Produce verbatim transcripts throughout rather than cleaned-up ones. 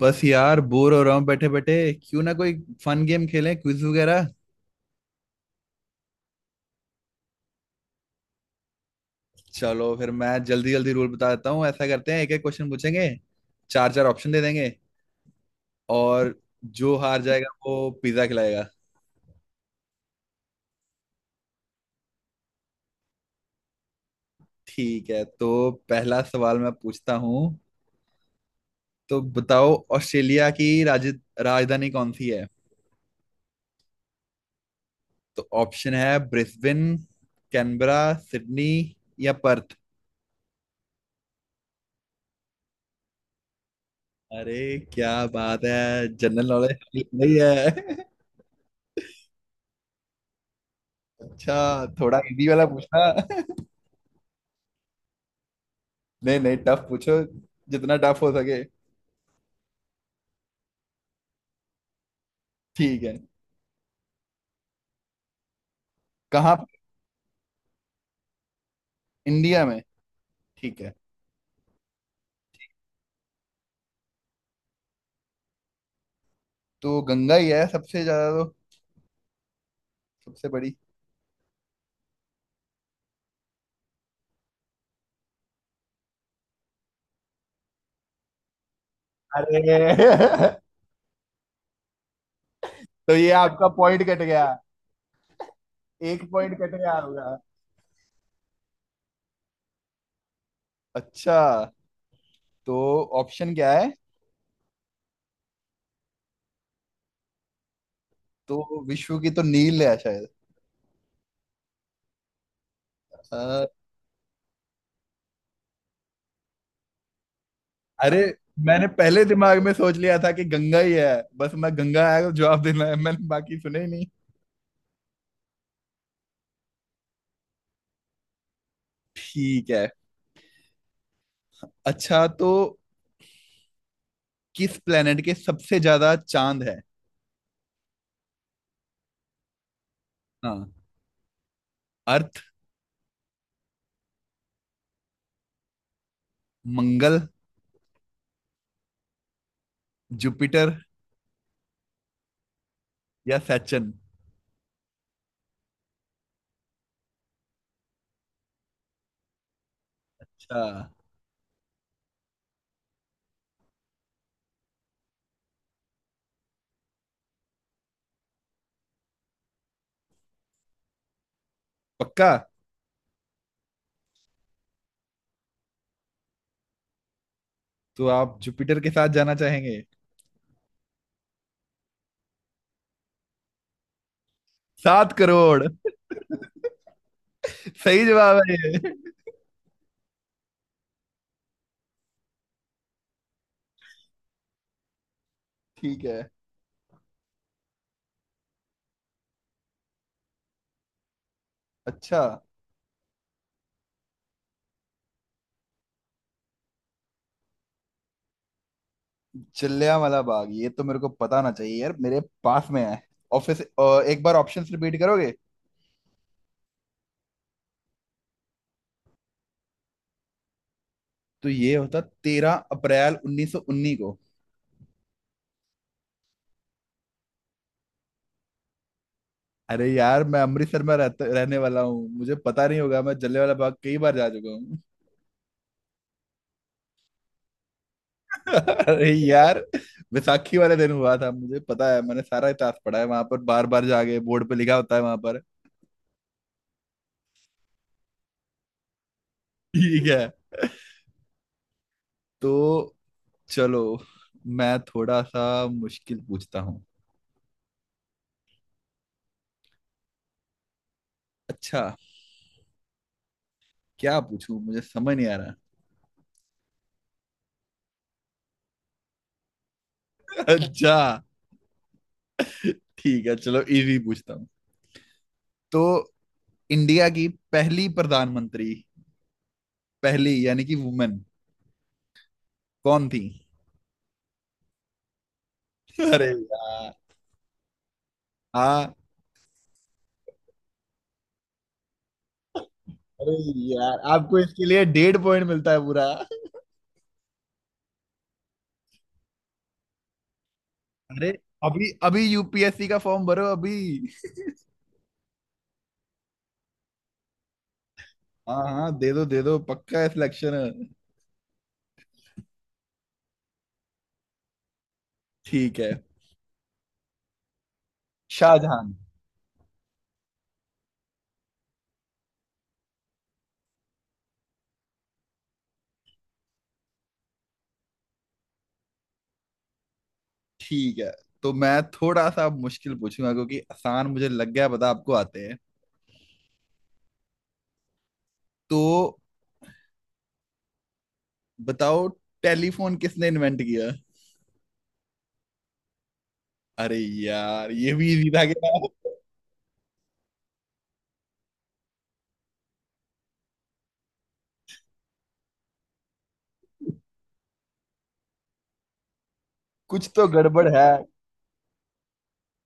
बस यार, बोर हो रहा हूँ बैठे बैठे। क्यों ना कोई फन गेम खेलें, क्विज वगैरह। चलो फिर मैं जल्दी जल्दी रूल बता देता हूँ। ऐसा करते हैं, एक एक क्वेश्चन पूछेंगे, चार चार ऑप्शन दे देंगे, और जो हार जाएगा वो पिज्जा खिलाएगा। ठीक है, तो पहला सवाल मैं पूछता हूँ। तो बताओ, ऑस्ट्रेलिया की राज, राजधानी कौन सी है? तो ऑप्शन है ब्रिस्बेन, कैनबरा, सिडनी या पर्थ। अरे क्या बात है, जनरल नॉलेज नहीं है। अच्छा, थोड़ा इजी वाला पूछना। नहीं नहीं, टफ पूछो, जितना टफ हो सके। ठीक है। कहाँ पर? इंडिया में? ठीक है। तो गंगा ही है सबसे ज्यादा तो, सबसे बड़ी। अरे तो ये आपका पॉइंट कट गया, एक पॉइंट कट गया होगा। अच्छा, तो ऑप्शन क्या है? तो विश्व की तो नील है शायद। अ, अरे, मैंने पहले दिमाग में सोच लिया था कि गंगा ही है। बस मैं गंगा आया तो जवाब देना है, मैंने बाकी सुने ही नहीं। ठीक है। अच्छा, तो किस प्लेनेट के सबसे ज्यादा चांद है? हाँ। अर्थ। मंगल। जुपिटर। या सैटर्न। अच्छा। पक्का? तो आप जुपिटर के साथ जाना चाहेंगे? सात करोड़। सही जवाब है ये। ठीक है। अच्छा। जलियांवाला बाग, ये तो मेरे को पता ना चाहिए यार, मेरे पास में है। ऑफिस, अ, एक बार ऑप्शंस रिपीट करोगे? तो ये होता तेरह अप्रैल उन्नीस सौ उन्नीस को। अरे यार, मैं अमृतसर में रहते रहने वाला हूँ, मुझे पता नहीं होगा? मैं जलियांवाला बाग कई बार जा चुका हूँ। अरे यार, बैसाखी वाले दिन हुआ था, मुझे पता है, मैंने सारा इतिहास पढ़ा है, वहां पर बार बार जाके बोर्ड पे लिखा होता है वहां पर। ठीक है। तो चलो मैं थोड़ा सा मुश्किल पूछता हूँ। अच्छा, क्या पूछूं मुझे समझ नहीं आ रहा। अच्छा, ठीक है चलो इजी पूछता हूँ। तो इंडिया की पहली प्रधानमंत्री, पहली यानी कि वुमेन, कौन थी? अरे यार। हाँ। अरे यार, आपको इसके लिए डेढ़ पॉइंट मिलता है पूरा। अरे, अभी अभी यूपीएससी का फॉर्म भरो अभी। हाँ हाँ, दे दो दे दो, पक्का है सिलेक्शन। ठीक है। शाहजहान। ठीक है, तो मैं थोड़ा सा मुश्किल पूछूंगा क्योंकि आसान मुझे लग गया, पता आपको आते हैं। तो बताओ, टेलीफोन किसने इन्वेंट किया? अरे यार, ये भी इजी था क्या? कुछ तो गड़बड़ है।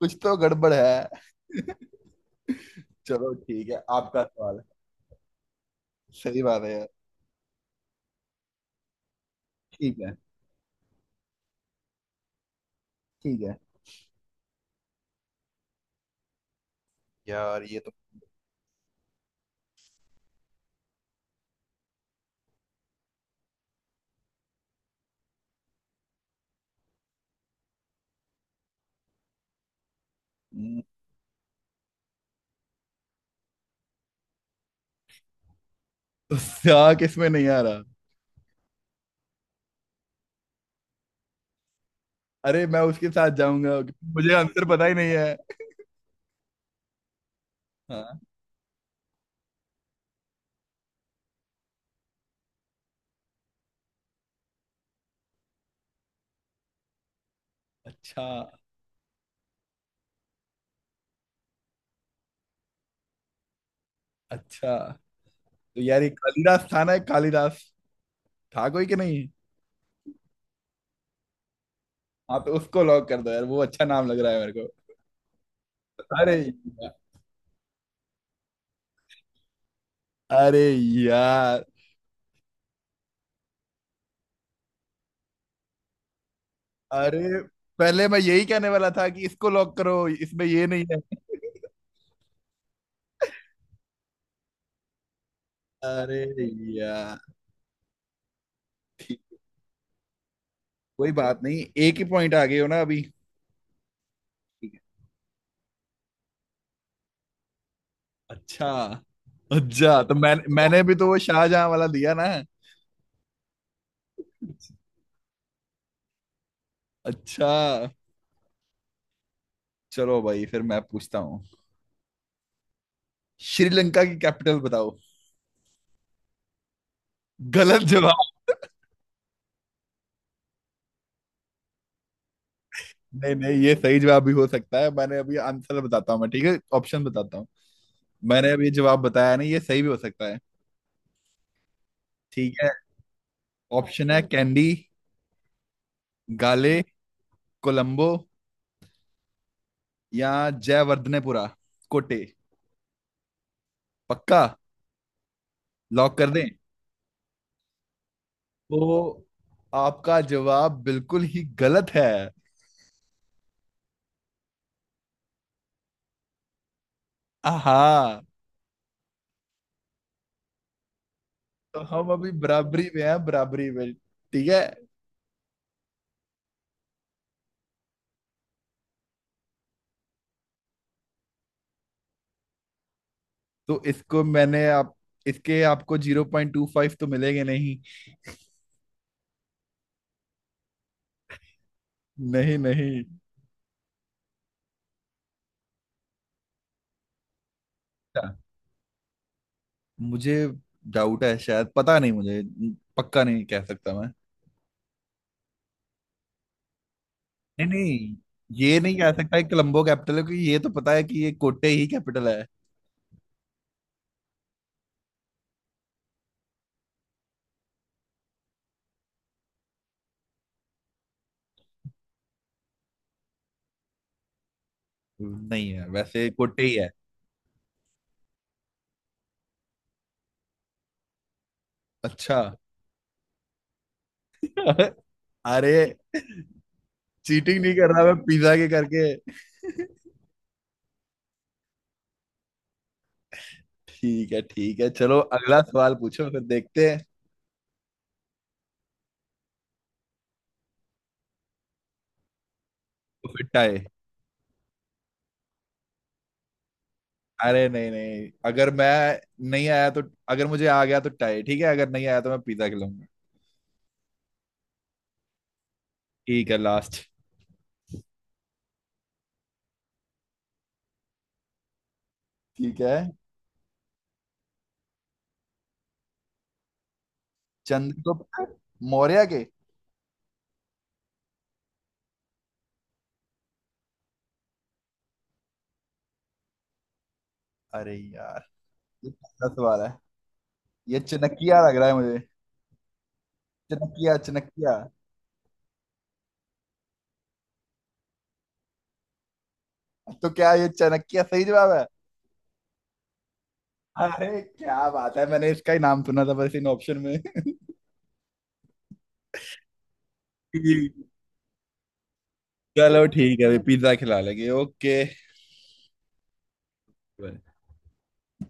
कुछ तो गड़बड़ है। चलो ठीक है, आपका सवाल। सही बात है यार। ठीक है। ठीक है। यार, ये तो हम्म, तो क्या, किसमें नहीं आ रहा? अरे मैं उसके साथ जाऊंगा। मुझे आंसर पता ही नहीं है। हाँ। अच्छा। अच्छा तो यार, ये कालिदास था ना, एक कालिदास था कोई कि नहीं? हाँ, तो उसको लॉक कर दो यार, वो अच्छा नाम लग रहा है मेरे को। अरे यार, अरे यार। अरे, पहले मैं यही कहने वाला था कि इसको लॉक करो, इसमें ये नहीं है। अरे यार। ठीक। कोई बात नहीं, एक ही पॉइंट आ गए हो ना अभी। अच्छा। अच्छा तो मैं मैंने भी तो वो शाहजहां वाला दिया ना। अच्छा। चलो भाई फिर मैं पूछता हूँ। श्रीलंका की कैपिटल बताओ। गलत जवाब। नहीं नहीं, ये सही जवाब भी हो सकता है, मैंने अभी आंसर बताता हूँ मैं, ठीक है, ऑप्शन बताता हूँ। मैंने अभी जवाब बताया नहीं, ये सही भी हो सकता है। ठीक है। ऑप्शन है कैंडी, गाले, कोलंबो या जयवर्धनेपुरा कोटे। पक्का? लॉक कर दें? तो आपका जवाब बिल्कुल ही गलत है। आहा। तो हम अभी बराबरी में हैं, बराबरी में, ठीक है। तो इसको मैंने आप, इसके आपको जीरो पॉइंट टू फाइव तो मिलेंगे नहीं। नहीं नहीं। अच्छा, मुझे डाउट है, शायद पता नहीं मुझे, पक्का नहीं कह सकता मैं। नहीं नहीं, ये नहीं कह सकता कि कोलंबो कैपिटल है, क्योंकि ये तो पता है कि ये कोटे ही कैपिटल है। नहीं है, वैसे कोटे ही है। अच्छा। अरे, चीटिंग नहीं कर रहा मैं पिज्जा के करके। ठीक है ठीक है, चलो अगला सवाल पूछो, फिर देखते हैं। तो फिर टाई। अरे नहीं नहीं, अगर मैं नहीं आया तो, अगर मुझे आ गया तो टाई ठीक है, अगर नहीं आया तो मैं पिज्जा खिलाऊंगा। ठीक है, लास्ट। ठीक है। चंद्रगुप्त मौर्य के। अरे यार, ये पहला सवाल है। ये चनकिया लग रहा है मुझे। चनकिया चनकिया। तो क्या ये चनकिया सही जवाब है? अरे क्या बात है, मैंने इसका ही नाम सुना था बस इन ऑप्शन में। ठीक। चलो ठीक है, पिज्जा खिला लेंगे। ओके।